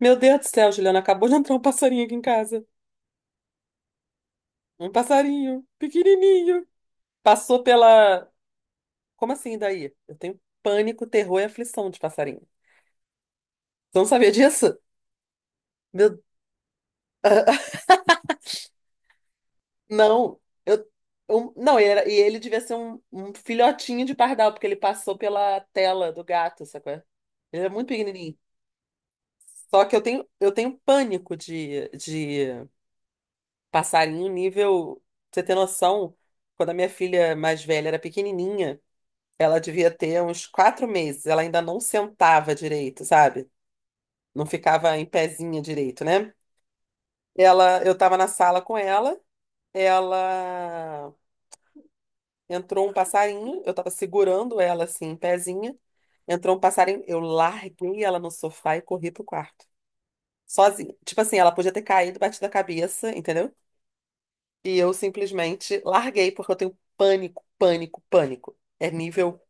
Meu Deus do céu, Juliana, acabou de entrar um passarinho aqui em casa. Um passarinho, pequenininho. Passou pela. Como assim, daí? Eu tenho pânico, terror e aflição de passarinho. Você não sabia disso? Meu... Não. Eu... Não, e era... e ele devia ser um filhotinho de pardal, porque ele passou pela tela do gato, sacou? Ele é muito pequenininho. Só que eu tenho pânico de passarinho nível. Pra você ter noção, quando a minha filha mais velha era pequenininha. Ela devia ter uns quatro meses. Ela ainda não sentava direito, sabe? Não ficava em pezinha direito, né? Ela, eu tava na sala com ela. Ela entrou um passarinho. Eu tava segurando ela assim, em pezinha. Entrou um passarinho. Eu larguei ela no sofá e corri pro quarto, sozinha. Tipo assim, ela podia ter caído, batido a cabeça, entendeu? E eu simplesmente larguei porque eu tenho pânico, pânico, pânico. É nível.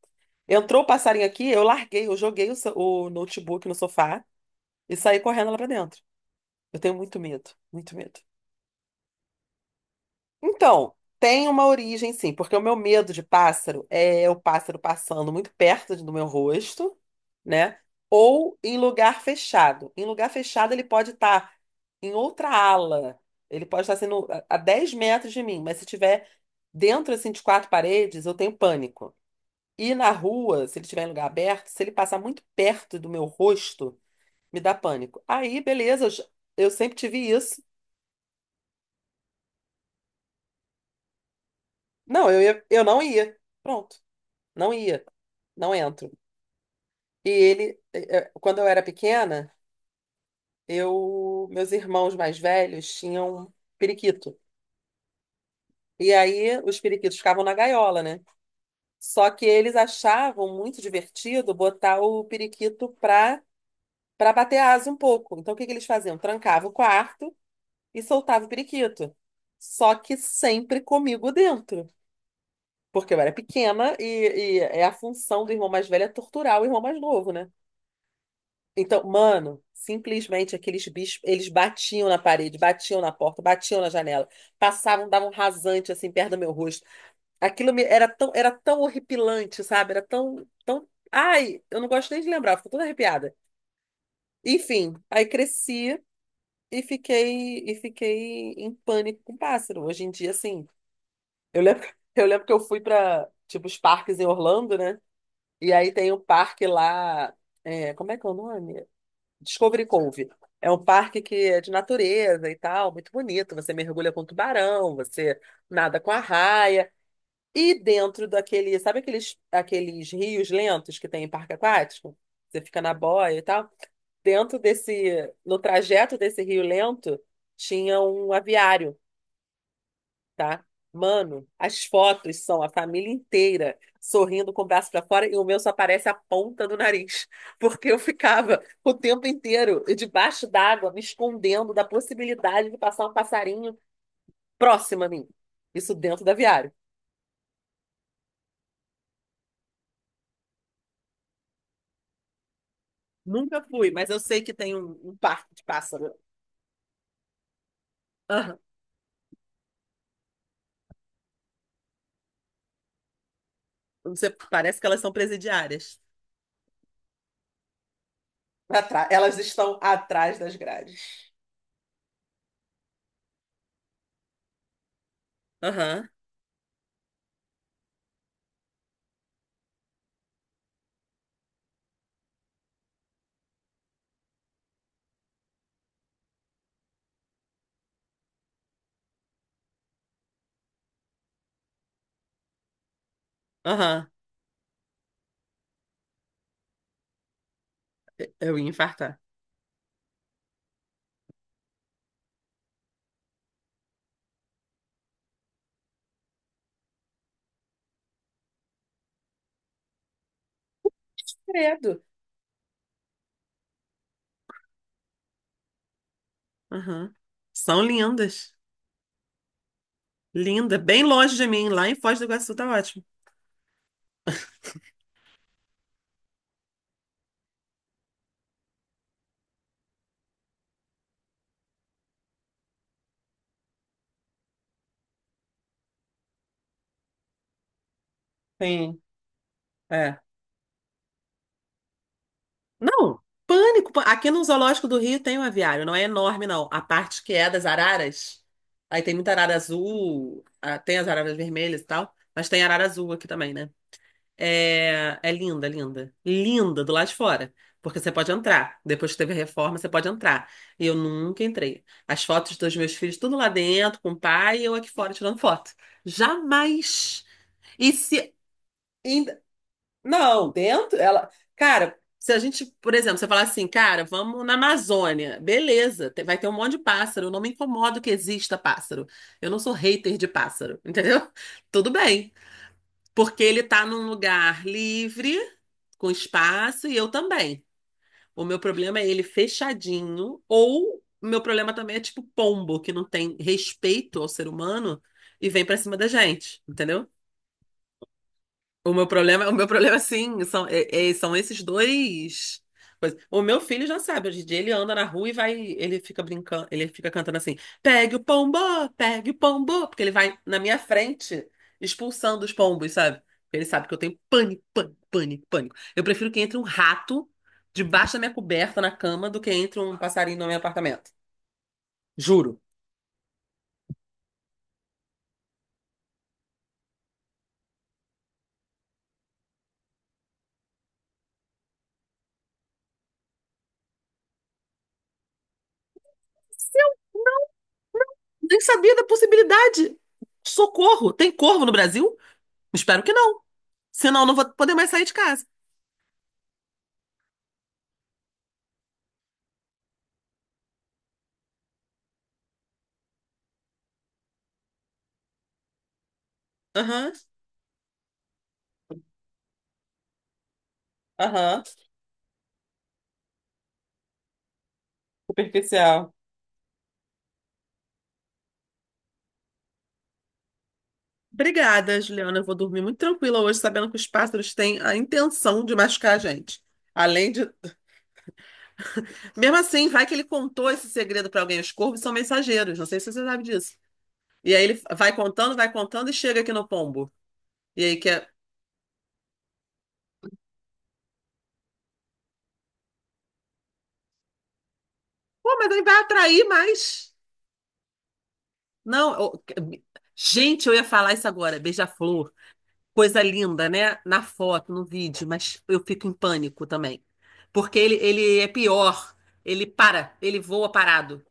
Entrou o passarinho aqui, eu larguei, eu joguei o notebook no sofá. E sair correndo lá pra dentro. Eu tenho muito medo, muito medo. Então, tem uma origem sim, porque o meu medo de pássaro é o pássaro passando muito perto do meu rosto, né? Ou em lugar fechado. Em lugar fechado, ele pode estar em outra ala. Ele pode estar sendo a 10 metros de mim, mas se tiver dentro assim de quatro paredes, eu tenho pânico. E na rua, se ele estiver em lugar aberto, se ele passar muito perto do meu rosto, me dá pânico. Aí, beleza, eu sempre tive isso. Não, eu ia, eu não ia. Pronto, não ia, não entro. E ele, quando eu era pequena, eu, meus irmãos mais velhos tinham periquito. E aí os periquitos ficavam na gaiola, né? Só que eles achavam muito divertido botar o periquito pra bater asa um pouco. Então o que que eles faziam? Trancava o quarto e soltava o periquito. Só que sempre comigo dentro. Porque eu era pequena e é a função do irmão mais velho é torturar o irmão mais novo, né? Então, mano, simplesmente aqueles bichos, eles batiam na parede, batiam na porta, batiam na janela, passavam, davam um rasante assim perto do meu rosto. Era tão, era tão horripilante, sabe? Era tão, tão, ai, eu não gosto nem de lembrar, fico toda arrepiada. Enfim, aí cresci e fiquei em pânico com pássaro. Hoje em dia, assim, eu lembro, eu lembro que eu fui para tipo os parques em Orlando, né? E aí tem um parque lá, é, como é que é o nome? Discovery Cove. É um parque que é de natureza e tal, muito bonito. Você mergulha com um tubarão, você nada com arraia. E dentro daquele, sabe aqueles rios lentos que tem em parque aquático? Você fica na boia e tal. Dentro desse, no trajeto desse rio lento, tinha um aviário, tá? Mano, as fotos são a família inteira sorrindo com o braço pra fora e o meu só aparece a ponta do nariz, porque eu ficava o tempo inteiro debaixo d'água, me escondendo da possibilidade de passar um passarinho próximo a mim. Isso dentro do aviário. Nunca fui, mas eu sei que tem um parque de pássaro. Aham. Não sei, parece que elas são presidiárias. Elas estão atrás das grades. Aham, aham. Eu ia infartar. Credo. Aham. São lindas. Linda, bem longe de mim, lá em Foz do Iguaçu tá ótimo. Sim, é. Não, pânico. Aqui no Zoológico do Rio tem um aviário, não é enorme, não. A parte que é das araras, aí tem muita arara azul, ah, tem as araras vermelhas e tal, mas tem arara azul aqui também, né? É, é linda, linda. Linda do lado de fora, porque você pode entrar. Depois que teve a reforma, você pode entrar. E eu nunca entrei. As fotos dos meus filhos, tudo lá dentro, com o pai, e eu aqui fora tirando foto. Jamais! E se. Não, dentro, ela. Cara, se a gente, por exemplo, você falar assim, cara, vamos na Amazônia, beleza, vai ter um monte de pássaro, eu não me incomodo que exista pássaro. Eu não sou hater de pássaro, entendeu? Tudo bem, porque ele tá num lugar livre, com espaço, e eu também. O meu problema é ele fechadinho, ou o meu problema também é tipo pombo, que não tem respeito ao ser humano e vem pra cima da gente, entendeu? O meu problema sim, são, são esses dois. Coisas. O meu filho já sabe, hoje em dia ele anda na rua e vai, ele fica brincando, ele fica cantando assim: "Pegue o pombo, pegue o pombo", porque ele vai na minha frente expulsando os pombos, sabe? Porque ele sabe que eu tenho pânico, pânico, pânico, pânico. Eu prefiro que entre um rato debaixo da minha coberta na cama do que entre um passarinho no meu apartamento. Juro. Nem sabia da possibilidade. Socorro, tem corvo no Brasil? Espero que não. Senão, eu não vou poder mais sair de casa. Aham, aham. Superficial. Obrigada, Juliana. Eu vou dormir muito tranquila hoje, sabendo que os pássaros têm a intenção de machucar a gente. Além de. Mesmo assim, vai que ele contou esse segredo para alguém. Os corvos são mensageiros, não sei se você sabe disso. E aí ele vai contando e chega aqui no pombo. E aí quer. Pô, mas aí vai atrair mais. Não, eu- Gente, eu ia falar isso agora. Beija-flor. Coisa linda, né? Na foto, no vídeo, mas eu fico em pânico também. Porque ele é pior. Ele para, ele voa parado.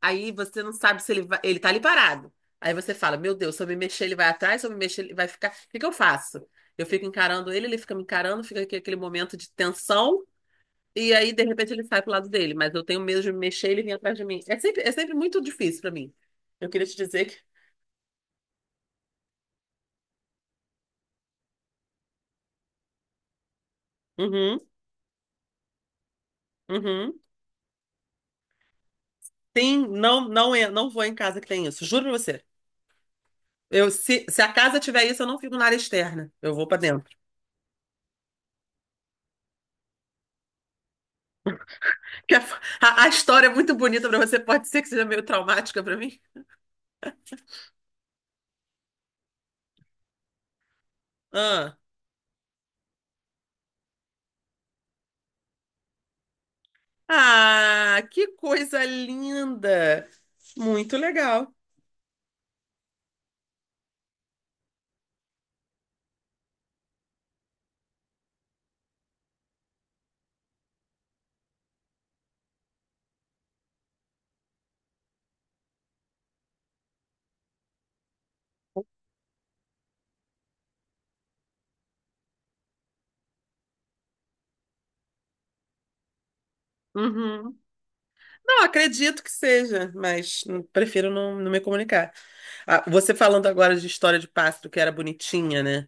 Aí você não sabe se ele vai, ele tá ali parado. Aí você fala, meu Deus, se eu me mexer, ele vai atrás, se eu me mexer, ele vai ficar. O que que eu faço? Eu fico encarando ele, ele fica me encarando, fica aqui aquele momento de tensão, e aí, de repente, ele sai pro lado dele. Mas eu tenho medo de me mexer, e ele vem atrás de mim. É sempre muito difícil pra mim. Eu queria te dizer que. Uhum, uhum. Sim, não, não, é, não vou em casa que tem isso, juro pra você. Eu, se a casa tiver isso, eu não fico na área externa, eu vou pra dentro. Porque a, a história é muito bonita pra você, pode ser que seja meio traumática pra mim. Ah, ah, que coisa linda! Muito legal. Uhum. Não, acredito que seja, mas prefiro não me comunicar. Ah, você falando agora de história de pássaro que era bonitinha, né?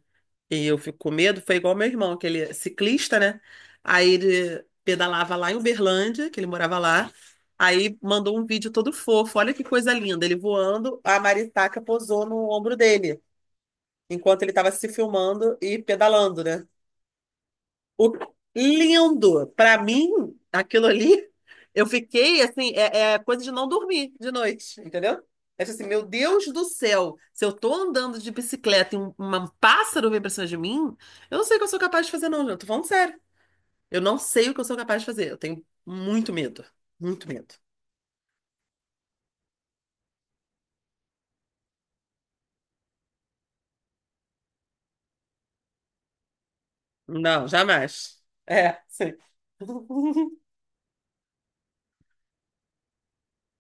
E eu fico com medo, foi igual meu irmão, que ele é ciclista, né? Aí ele pedalava lá em Uberlândia, que ele morava lá. Aí mandou um vídeo todo fofo, olha que coisa linda, ele voando, a maritaca posou no ombro dele, enquanto ele estava se filmando e pedalando, né? O, lindo! Para mim, aquilo ali, eu fiquei assim, é, é coisa de não dormir de noite, entendeu? É tipo assim, meu Deus do céu, se eu tô andando de bicicleta e um pássaro vem pra cima de mim, eu não sei o que eu sou capaz de fazer, não, gente. Eu tô falando sério. Eu não sei o que eu sou capaz de fazer. Eu tenho muito medo. Muito medo. Não, jamais. É, sim.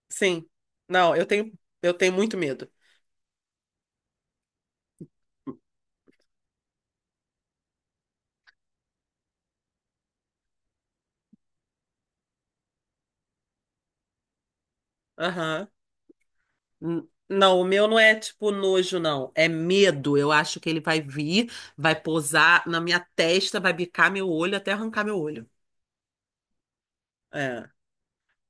Sim. Não, eu tenho muito medo. Aham. Não, o meu não é tipo nojo, não. É medo. Eu acho que ele vai vir, vai pousar na minha testa, vai bicar meu olho até arrancar meu olho. É,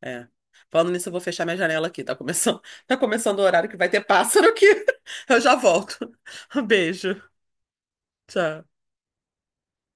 é. Falando nisso, eu vou fechar minha janela aqui. Tá começando, tá começando o horário que vai ter pássaro aqui. Eu já volto. Um beijo. Tchau.